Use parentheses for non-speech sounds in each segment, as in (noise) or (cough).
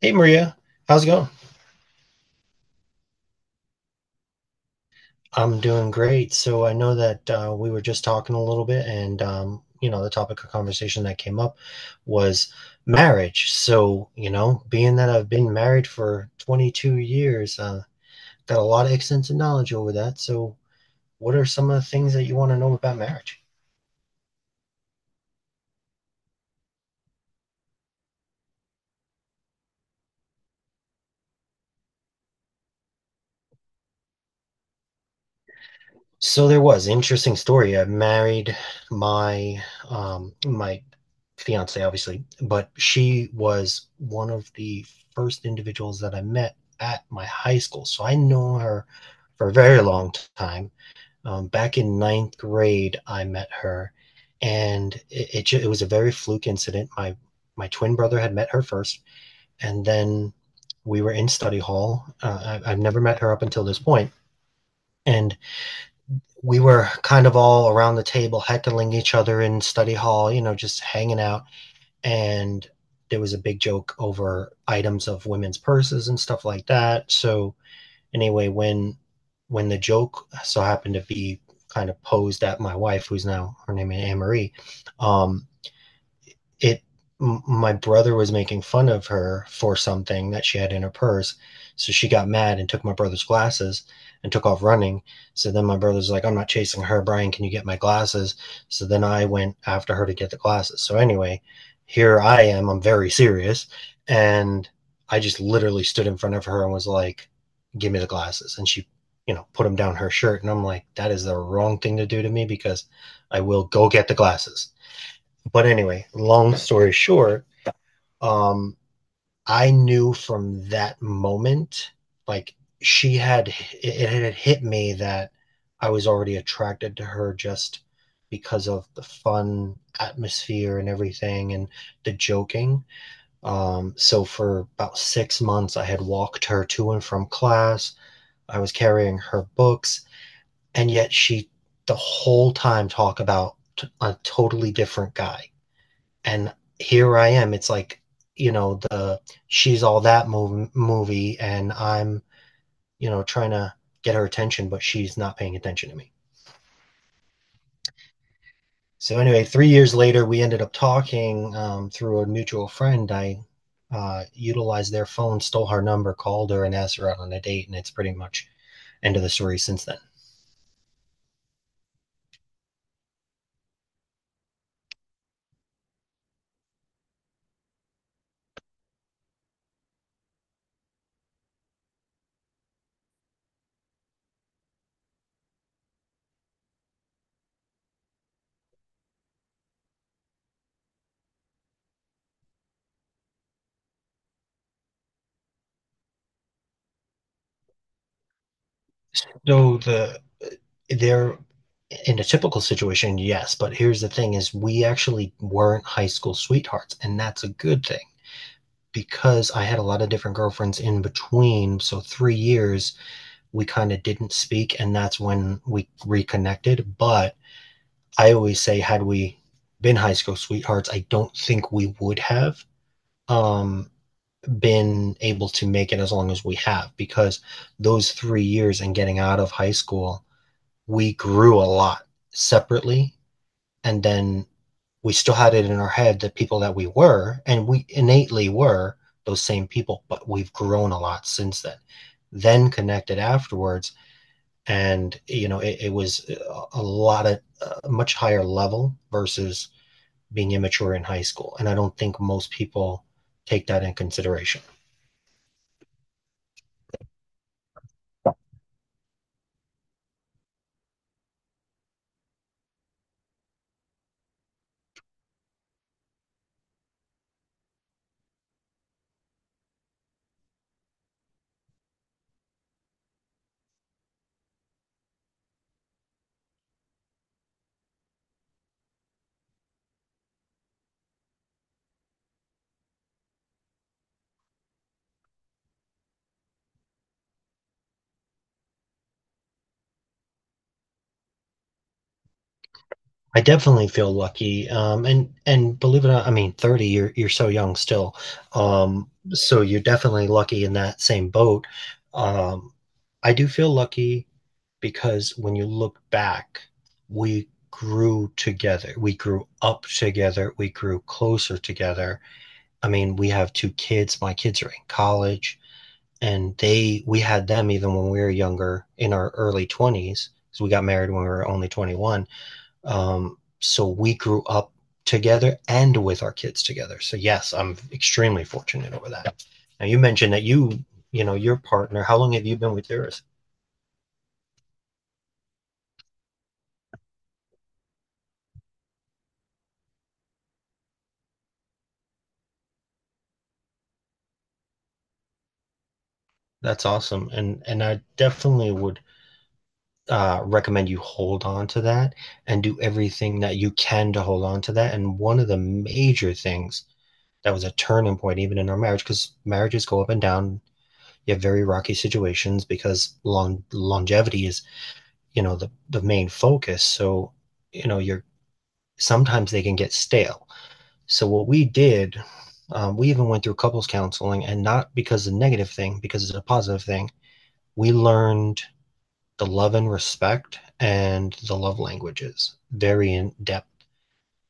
Hey Maria, how's it going? I'm doing great. So I know that we were just talking a little bit, and you know, the topic of conversation that came up was marriage. So, you know, being that I've been married for 22 years, got a lot of extensive knowledge over that. So, what are some of the things that you want to know about marriage? So there was interesting story. I married my my fiance, obviously, but she was one of the first individuals that I met at my high school. So I know her for a very long time. Back in ninth grade, I met her, and it was a very fluke incident. My twin brother had met her first, and then we were in study hall. I've never met her up until this point, and we were kind of all around the table heckling each other in study hall, you know, just hanging out. And there was a big joke over items of women's purses and stuff like that. So anyway, when the joke so happened to be kind of posed at my wife, who's now her name is Anne Marie, um, it my brother was making fun of her for something that she had in her purse, so she got mad and took my brother's glasses and took off running. So then my brother's like, I'm not chasing her, Brian, can you get my glasses? So then I went after her to get the glasses. So anyway, here I am, I'm very serious, and I just literally stood in front of her and was like, give me the glasses, and she, you know, put them down her shirt, and I'm like, that is the wrong thing to do to me because I will go get the glasses. But anyway, long story short, um, I knew from that moment, like she had, it, had hit me that I was already attracted to her just because of the fun atmosphere and everything and the joking. So for about 6 months, I had walked her to and from class. I was carrying her books, and yet she the whole time talked about a totally different guy, and here I am. It's like, you know, the she's all that mov- movie, and I'm, you know, trying to get her attention, but she's not paying attention to me. So anyway, 3 years later, we ended up talking through a mutual friend. I utilized their phone, stole her number, called her, and asked her out on a date, and it's pretty much end of the story since then. So the there in a typical situation, yes, but here's the thing: is we actually weren't high school sweethearts, and that's a good thing because I had a lot of different girlfriends in between, so 3 years we kind of didn't speak, and that's when we reconnected. But I always say, had we been high school sweethearts, I don't think we would have um, been able to make it as long as we have because those 3 years and getting out of high school, we grew a lot separately. And then we still had it in our head the people that we were, and we innately were those same people, but we've grown a lot since then connected afterwards, and you know it was a lot of a much higher level versus being immature in high school, and I don't think most people take that in consideration. I definitely feel lucky. And believe it or not, I mean, 30, you're so young still. So you're definitely lucky in that same boat. Um, I do feel lucky because when you look back, we grew together. We grew up together. We grew closer together. I mean, we have two kids. My kids are in college, and they we had them even when we were younger in our early 20s, because we got married when we were only 21. So we grew up together and with our kids together. So yes, I'm extremely fortunate over that. Now you mentioned that you know, your partner. How long have you been with yours? That's awesome, and I definitely would recommend you hold on to that and do everything that you can to hold on to that. And one of the major things that was a turning point, even in our marriage, because marriages go up and down. You have very rocky situations because longevity is, you know, the main focus. So, you know, you're sometimes they can get stale. So what we did, we even went through couples counseling, and not because of the negative thing, because it's a positive thing. We learned the love and respect and the love languages very in depth.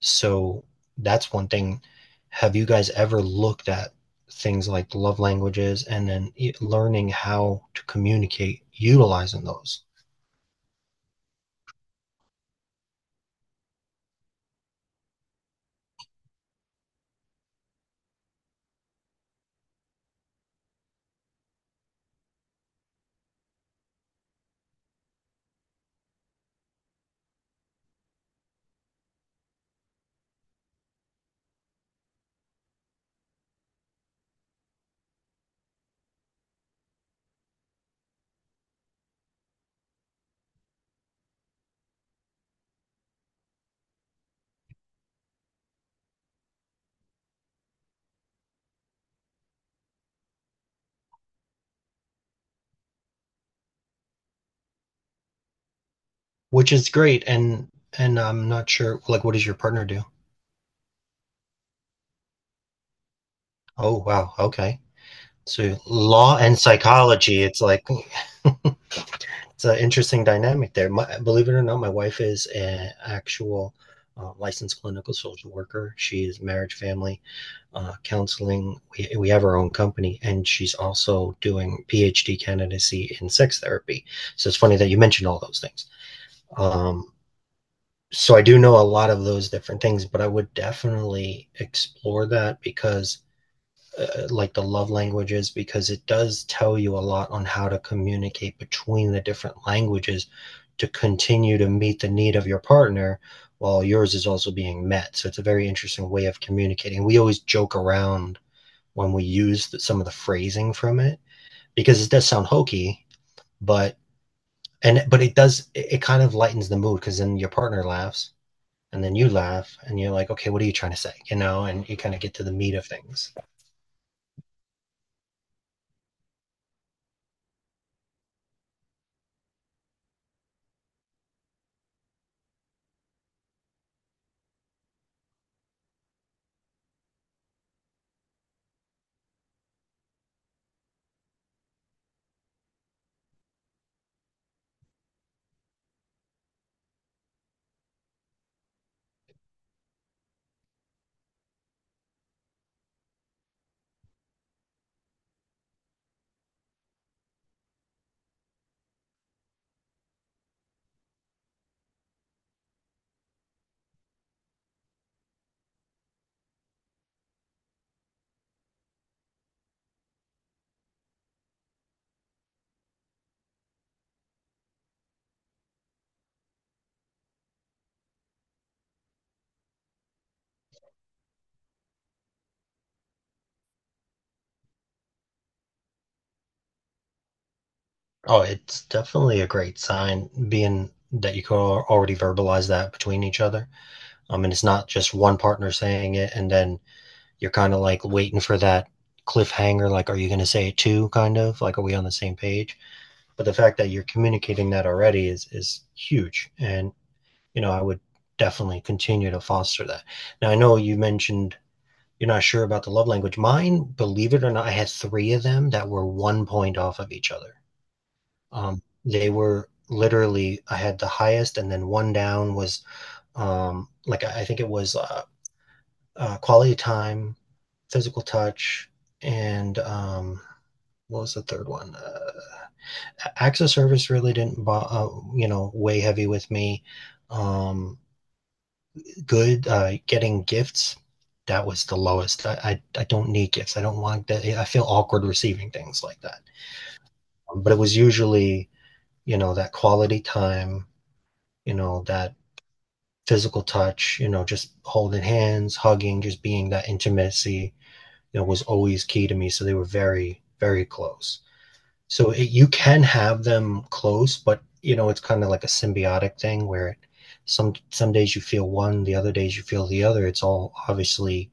So that's one thing. Have you guys ever looked at things like love languages and then learning how to communicate utilizing those? Which is great. And I'm not sure, like, what does your partner do? Oh, wow. Okay. So law and psychology, it's like (laughs) it's an interesting dynamic there. My, believe it or not, my wife is an actual licensed clinical social worker. She is marriage, family counseling. We have our own company, and she's also doing PhD candidacy in sex therapy. So it's funny that you mentioned all those things. Um, so I do know a lot of those different things, but I would definitely explore that because, like the love languages, because it does tell you a lot on how to communicate between the different languages to continue to meet the need of your partner while yours is also being met. So it's a very interesting way of communicating. We always joke around when we use some of the phrasing from it, because it does sound hokey, but and but it does, it kind of lightens the mood because then your partner laughs and then you laugh and you're like, okay, what are you trying to say, you know, and you kind of get to the meat of things. Oh, it's definitely a great sign being that you can already verbalize that between each other. I mean, it's not just one partner saying it and then you're kind of like waiting for that cliffhanger, like, are you going to say it too, kind of like, are we on the same page? But the fact that you're communicating that already is huge, and you know I would definitely continue to foster that. Now I know you mentioned you're not sure about the love language. Mine, believe it or not, I had three of them that were one point off of each other. They were literally, I had the highest, and then one down was think it was quality time, physical touch, and what was the third one? Access service really didn't, you know, weigh heavy with me. Um, good Getting gifts. That was the lowest. I don't need gifts. I don't want that. I feel awkward receiving things like that. But it was usually, you know, that quality time. You know, that physical touch. You know, just holding hands, hugging, just being that intimacy. You know, was always key to me. So they were very very close. So it, you can have them close, but you know it's kind of like a symbiotic thing where some days you feel one, the other days you feel the other. It's all obviously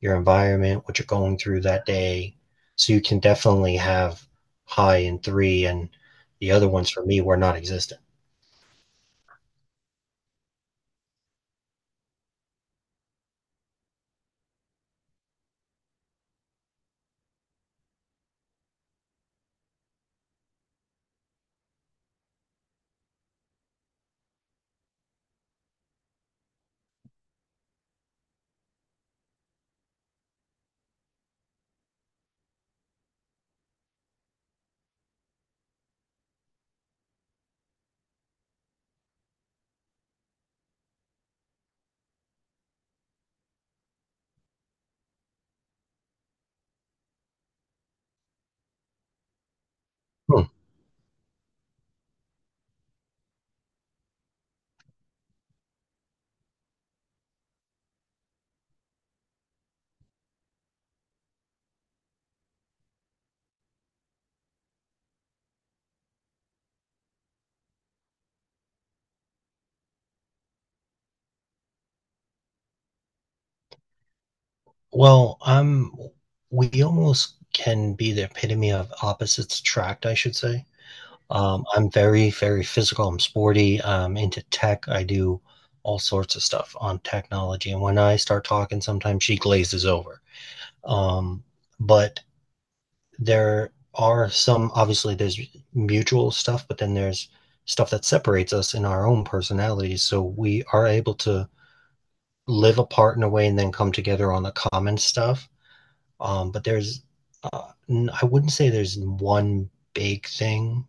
your environment, what you're going through that day. So you can definitely have high in three, and the other ones for me were not existent. Hmm. Well, I'm. We almost can be the epitome of opposites attract, I should say. I'm very, very physical. I'm sporty. I'm into tech. I do all sorts of stuff on technology. And when I start talking, sometimes she glazes over. Um, but there are some obviously there's mutual stuff, but then there's stuff that separates us in our own personalities. So we are able to live apart in a way and then come together on the common stuff. But there's, I wouldn't say there's one big thing.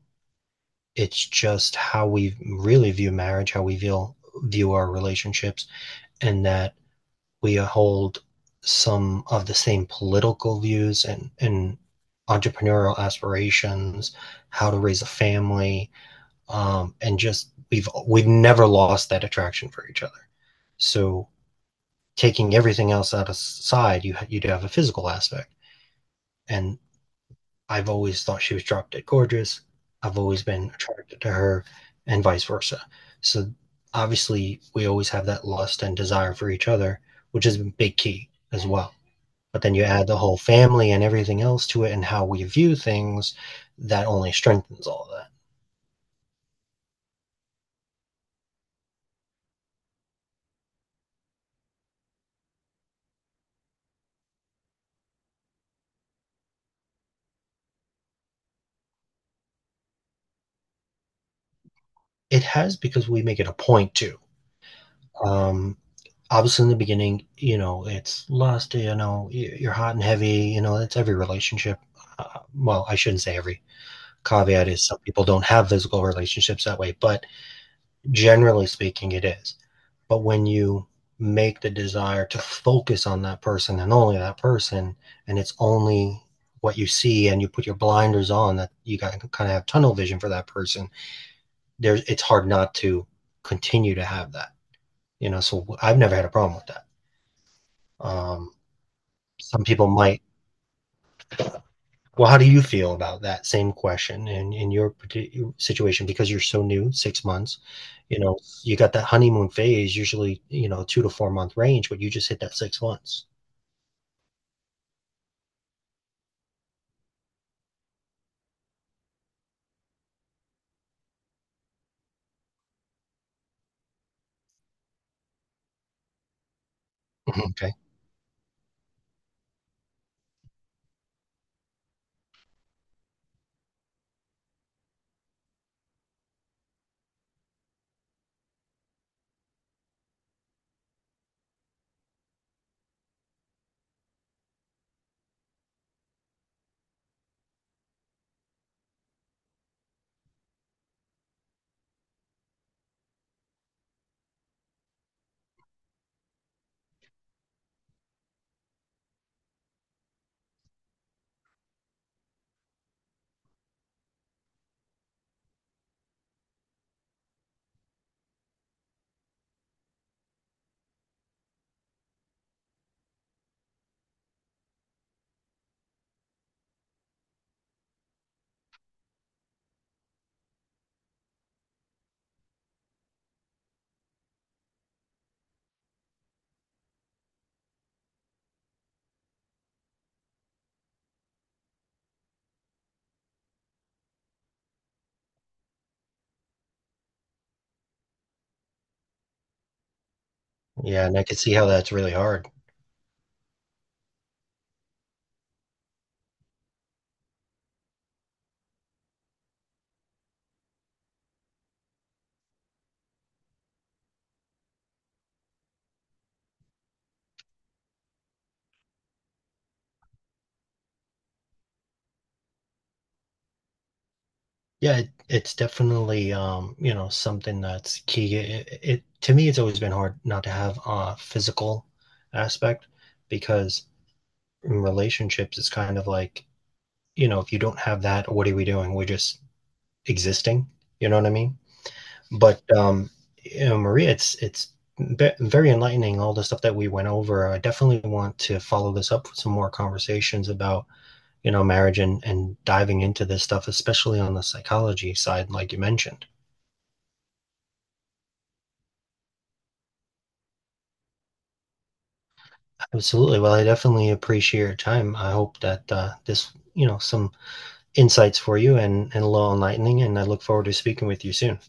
It's just how we really view marriage, how we view our relationships, and that we hold some of the same political views, and entrepreneurial aspirations, how to raise a family, and just we've never lost that attraction for each other. So taking everything else out aside, you do have a physical aspect, and I've always thought she was drop dead gorgeous. I've always been attracted to her, and vice versa. So obviously, we always have that lust and desire for each other, which is a big key as well. But then you add the whole family and everything else to it and how we view things, that only strengthens all of that. It has because we make it a point to. Um, obviously, in the beginning, you know, it's lust, you know, you're hot and heavy, you know, that's every relationship. Well, I shouldn't say every. Caveat is some people don't have physical relationships that way, but generally speaking, it is. But when you make the desire to focus on that person and only that person, and it's only what you see, and you put your blinders on, that you got to kind of have tunnel vision for that person. There's it's hard not to continue to have that. You know, so I've never had a problem with that. Um, some people might. Well, how do you feel about that same question in your particular situation? Because you're so new, 6 months, you know, you got that honeymoon phase, usually, you know, 2 to 4 month range, but you just hit that 6 months. (laughs) Okay. Yeah, and I can see how that's really hard. Yeah, it, it's definitely you know, something that's key. It to me, it's always been hard not to have a physical aspect because in relationships, it's kind of like, you know, if you don't have that, what are we doing? We're just existing. You know what I mean? But you know, Maria, it's very enlightening all the stuff that we went over. I definitely want to follow this up with some more conversations about, you know, marriage and diving into this stuff, especially on the psychology side like you mentioned. Absolutely. Well, I definitely appreciate your time. I hope that, this, you know, some insights for you and a little enlightening, and I look forward to speaking with you soon.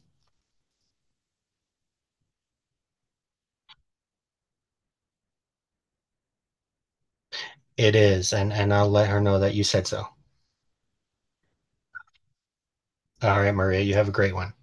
It is, and I'll let her know that you said so. All right, Maria, you have a great one.